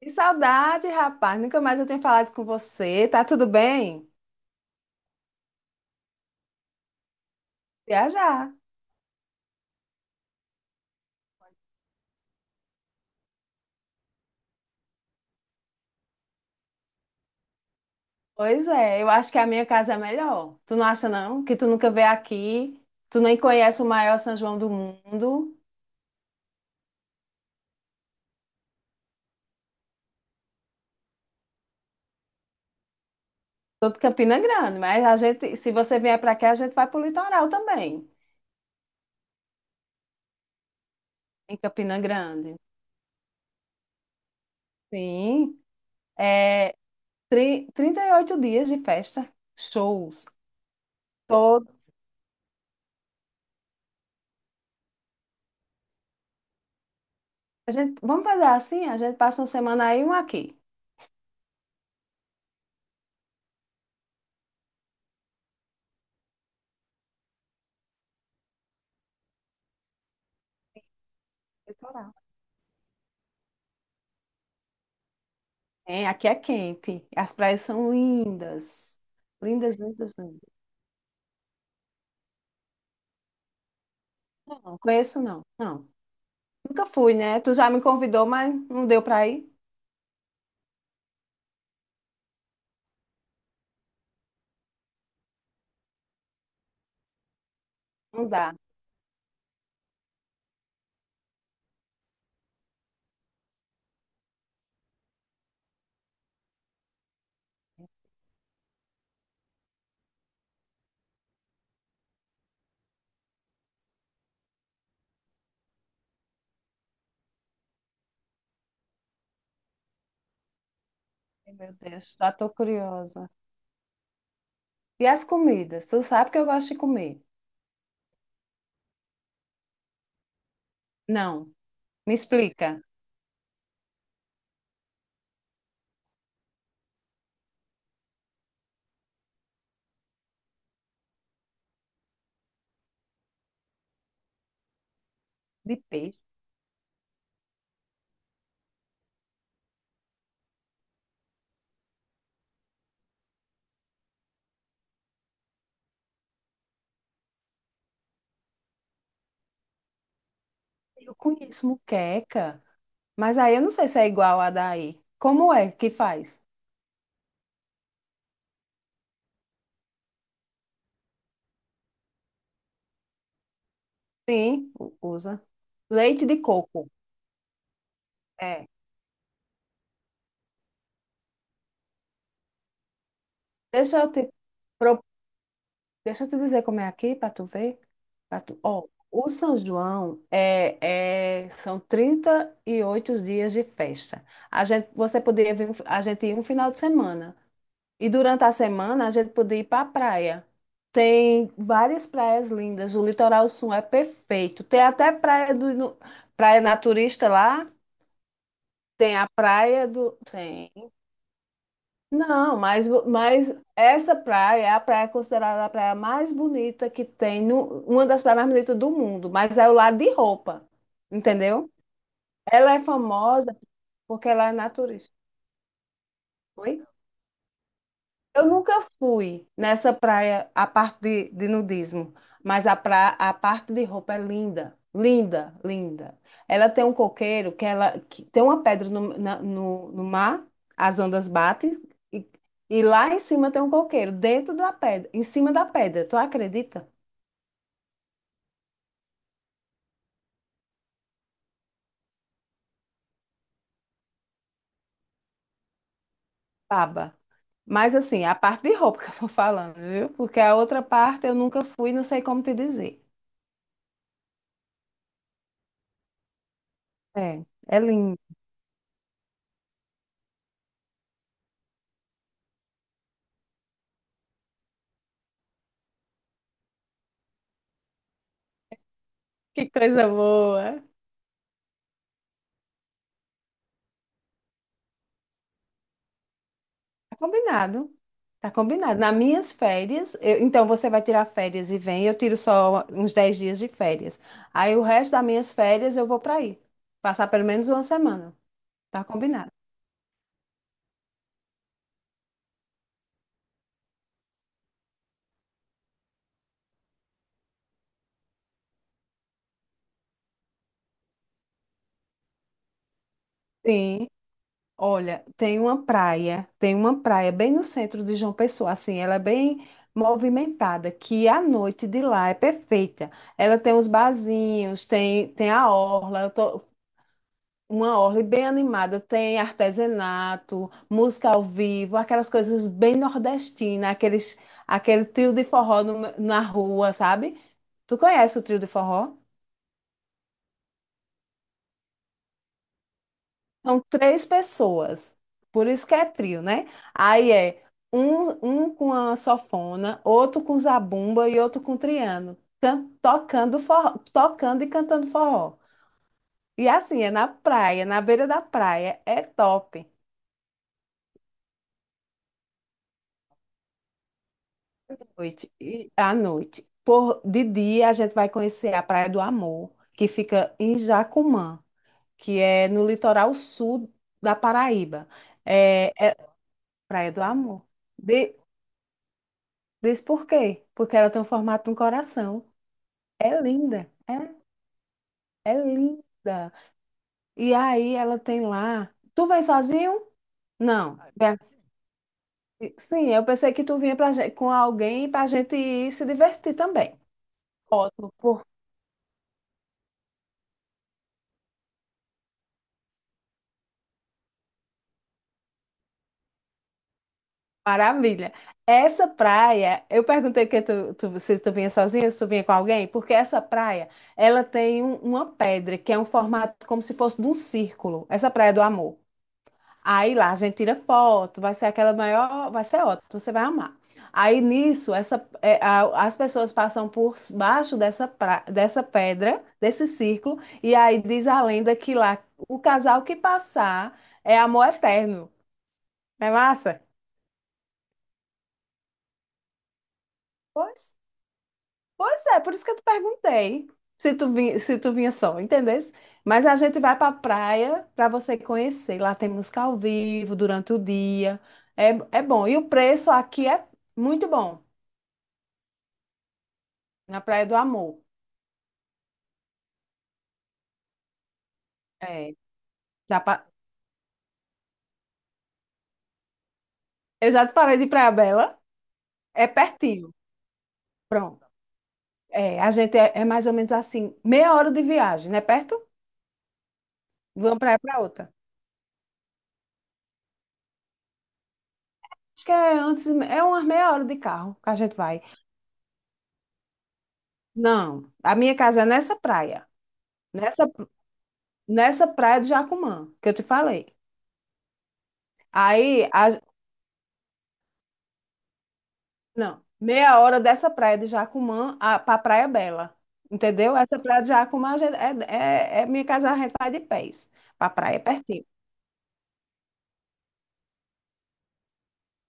Que saudade, rapaz. Nunca mais eu tenho falado com você. Tá tudo bem? Viajar. Pois é, eu acho que a minha casa é melhor. Tu não acha, não? Que tu nunca veio aqui, tu nem conhece o maior São João do mundo. Tô de Campina Grande, mas a gente, se você vier para cá, a gente vai pro litoral também, em Campina Grande. Sim, é 38 dias de festa, shows. Todo. A gente, vamos fazer assim? A gente passa uma semana aí e uma aqui. É, aqui é quente. As praias são lindas. Lindas, lindas, lindas. Não, conheço não. Não. Nunca fui, né? Tu já me convidou, mas não deu pra ir? Não dá. Ai, Meu Deus, já tô curiosa. E as comidas? Tu sabe que eu gosto de comer? Não. Me explica. De peixe? Eu conheço muqueca, mas aí eu não sei se é igual a daí. Como é que faz? Sim, usa. Leite de coco. É. Deixa eu te Deixa eu te dizer como é aqui, para tu ver. Pra tu... Ó, o São João são 38 dias de festa. A gente, você poderia vir, a gente ia um final de semana. E durante a semana a gente podia ir para a praia. Tem várias praias lindas. O litoral sul é perfeito. Tem até praia do, no- praia naturista lá. Tem a praia do. Tem. Não, mas, mas essa praia é a praia considerada a praia mais bonita que tem, uma das praias mais bonitas do mundo, mas é o lado de roupa, entendeu? Ela é famosa porque ela é naturista. Oi? Eu nunca fui nessa praia, a parte de nudismo, mas a parte de roupa é linda, linda, linda. Ela tem um coqueiro que tem uma pedra no mar, as ondas batem, e, e lá em cima tem um coqueiro, dentro da pedra, em cima da pedra, tu acredita? Baba. Mas assim, a parte de roupa que eu tô falando, viu? Porque a outra parte eu nunca fui, não sei como te dizer. É, é lindo. Que coisa boa. Tá combinado. Tá combinado. Nas minhas férias, então você vai tirar férias e vem, eu tiro só uns 10 dias de férias. Aí o resto das minhas férias eu vou para aí. Passar pelo menos uma semana. Tá combinado. Sim. Olha, tem uma praia bem no centro de João Pessoa, assim, ela é bem movimentada, que a noite de lá é perfeita. Ela tem uns barzinhos, tem a orla. Uma orla bem animada, tem artesanato, música ao vivo, aquelas coisas bem nordestinas, aquele trio de forró na rua, sabe? Tu conhece o trio de forró? São três pessoas, por isso que é trio, né? Aí é um, um com a sanfona, outro com zabumba e outro com triângulo, tocando forró, tocando e cantando forró. E assim, é na praia, na beira da praia, é top. À noite. De dia, a gente vai conhecer a Praia do Amor, que fica em Jacumã, que é no litoral sul da Paraíba. É, é Praia do Amor. De, Diz por quê? Porque ela tem o formato de um coração. É linda, é, é linda. E aí ela tem lá. Tu vem sozinho? Não. Sim, eu pensei que tu vinha pra gente, com alguém para a gente ir se divertir também. Ótimo. Maravilha. Essa praia, eu perguntei se tu vinha sozinha, se tu vinha com alguém, porque essa praia, ela tem uma pedra que é um formato como se fosse de um círculo. Essa praia do amor. Aí lá a gente tira foto, vai ser aquela maior, vai ser ótimo, você vai amar. Aí nisso, as pessoas passam por baixo dessa, dessa pedra, desse círculo, e aí diz a lenda que lá o casal que passar é amor eterno. Não é massa? Pois Pois é, por isso que eu te perguntei se tu vinha só, entendesse? Mas a gente vai para a praia para você conhecer. Lá tem música ao vivo durante o dia. É, é bom. E o preço aqui é muito bom, na Praia do Amor. É. Já pa- Eu já te falei de Praia Bela, é pertinho. Pronto. É, é mais ou menos assim, meia hora de viagem, né? Perto? De uma praia para outra. Acho que é antes, é umas meia hora de carro que a gente vai. Não, a minha casa é nessa praia. Nessa Nessa praia de Jacumã, que eu te falei. Aí, a- não, meia hora dessa praia de Jacumã pra Praia Bela, entendeu? Essa praia de Jacumã a gente- é, é, é minha casa, a gente vai de pés, pra praia é pertinho.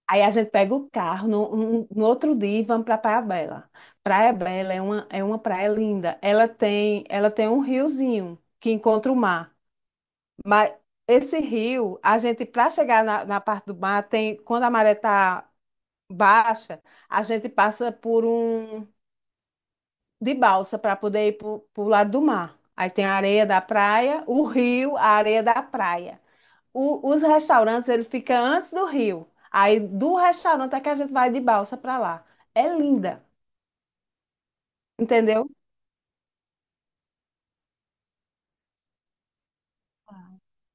Aí a gente pega o carro no outro dia e vamos pra Praia Bela. Praia Bela é uma praia linda. Ela tem um riozinho que encontra o mar. Mas esse rio, a gente, para chegar na parte do mar, tem, quando a maré está baixa, a gente passa por um de balsa para poder ir para o lado do mar. Aí tem a areia da praia, o rio, a areia da praia. Os restaurantes, ele fica antes do rio. Aí do restaurante é que a gente vai de balsa para lá. É linda, entendeu?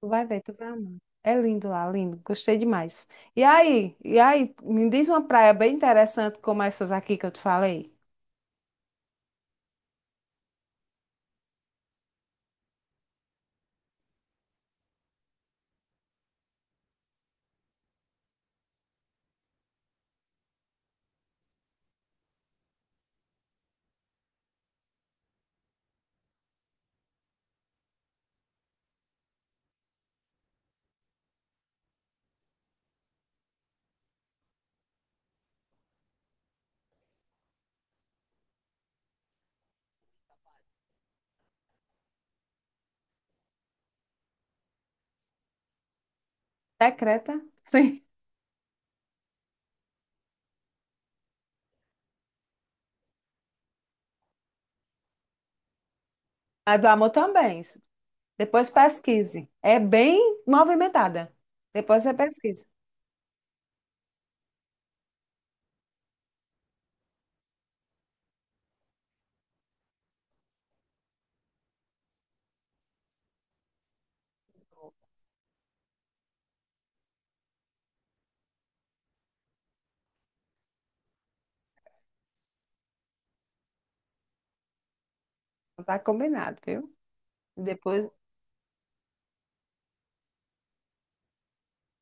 Tu vai ver, tu vai amar. É lindo lá, lindo. Gostei demais. E aí, me diz uma praia bem interessante como essas aqui que eu te falei. É Creta? Sim. A do amor também. Depois pesquise. É bem movimentada. Depois você pesquisa. Não. Tá combinado, viu? Depois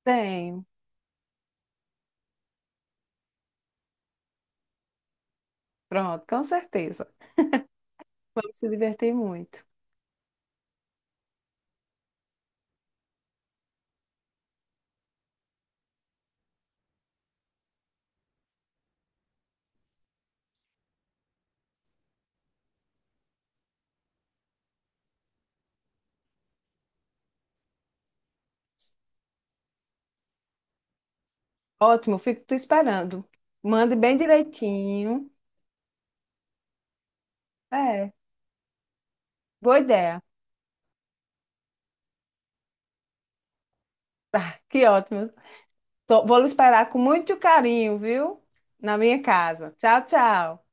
tem. Pronto, com certeza. Vamos se divertir muito. Ótimo, fico te esperando. Mande bem direitinho. É, boa ideia. Que ótimo. Tô- vou lhe esperar com muito carinho, viu? Na minha casa. Tchau, tchau.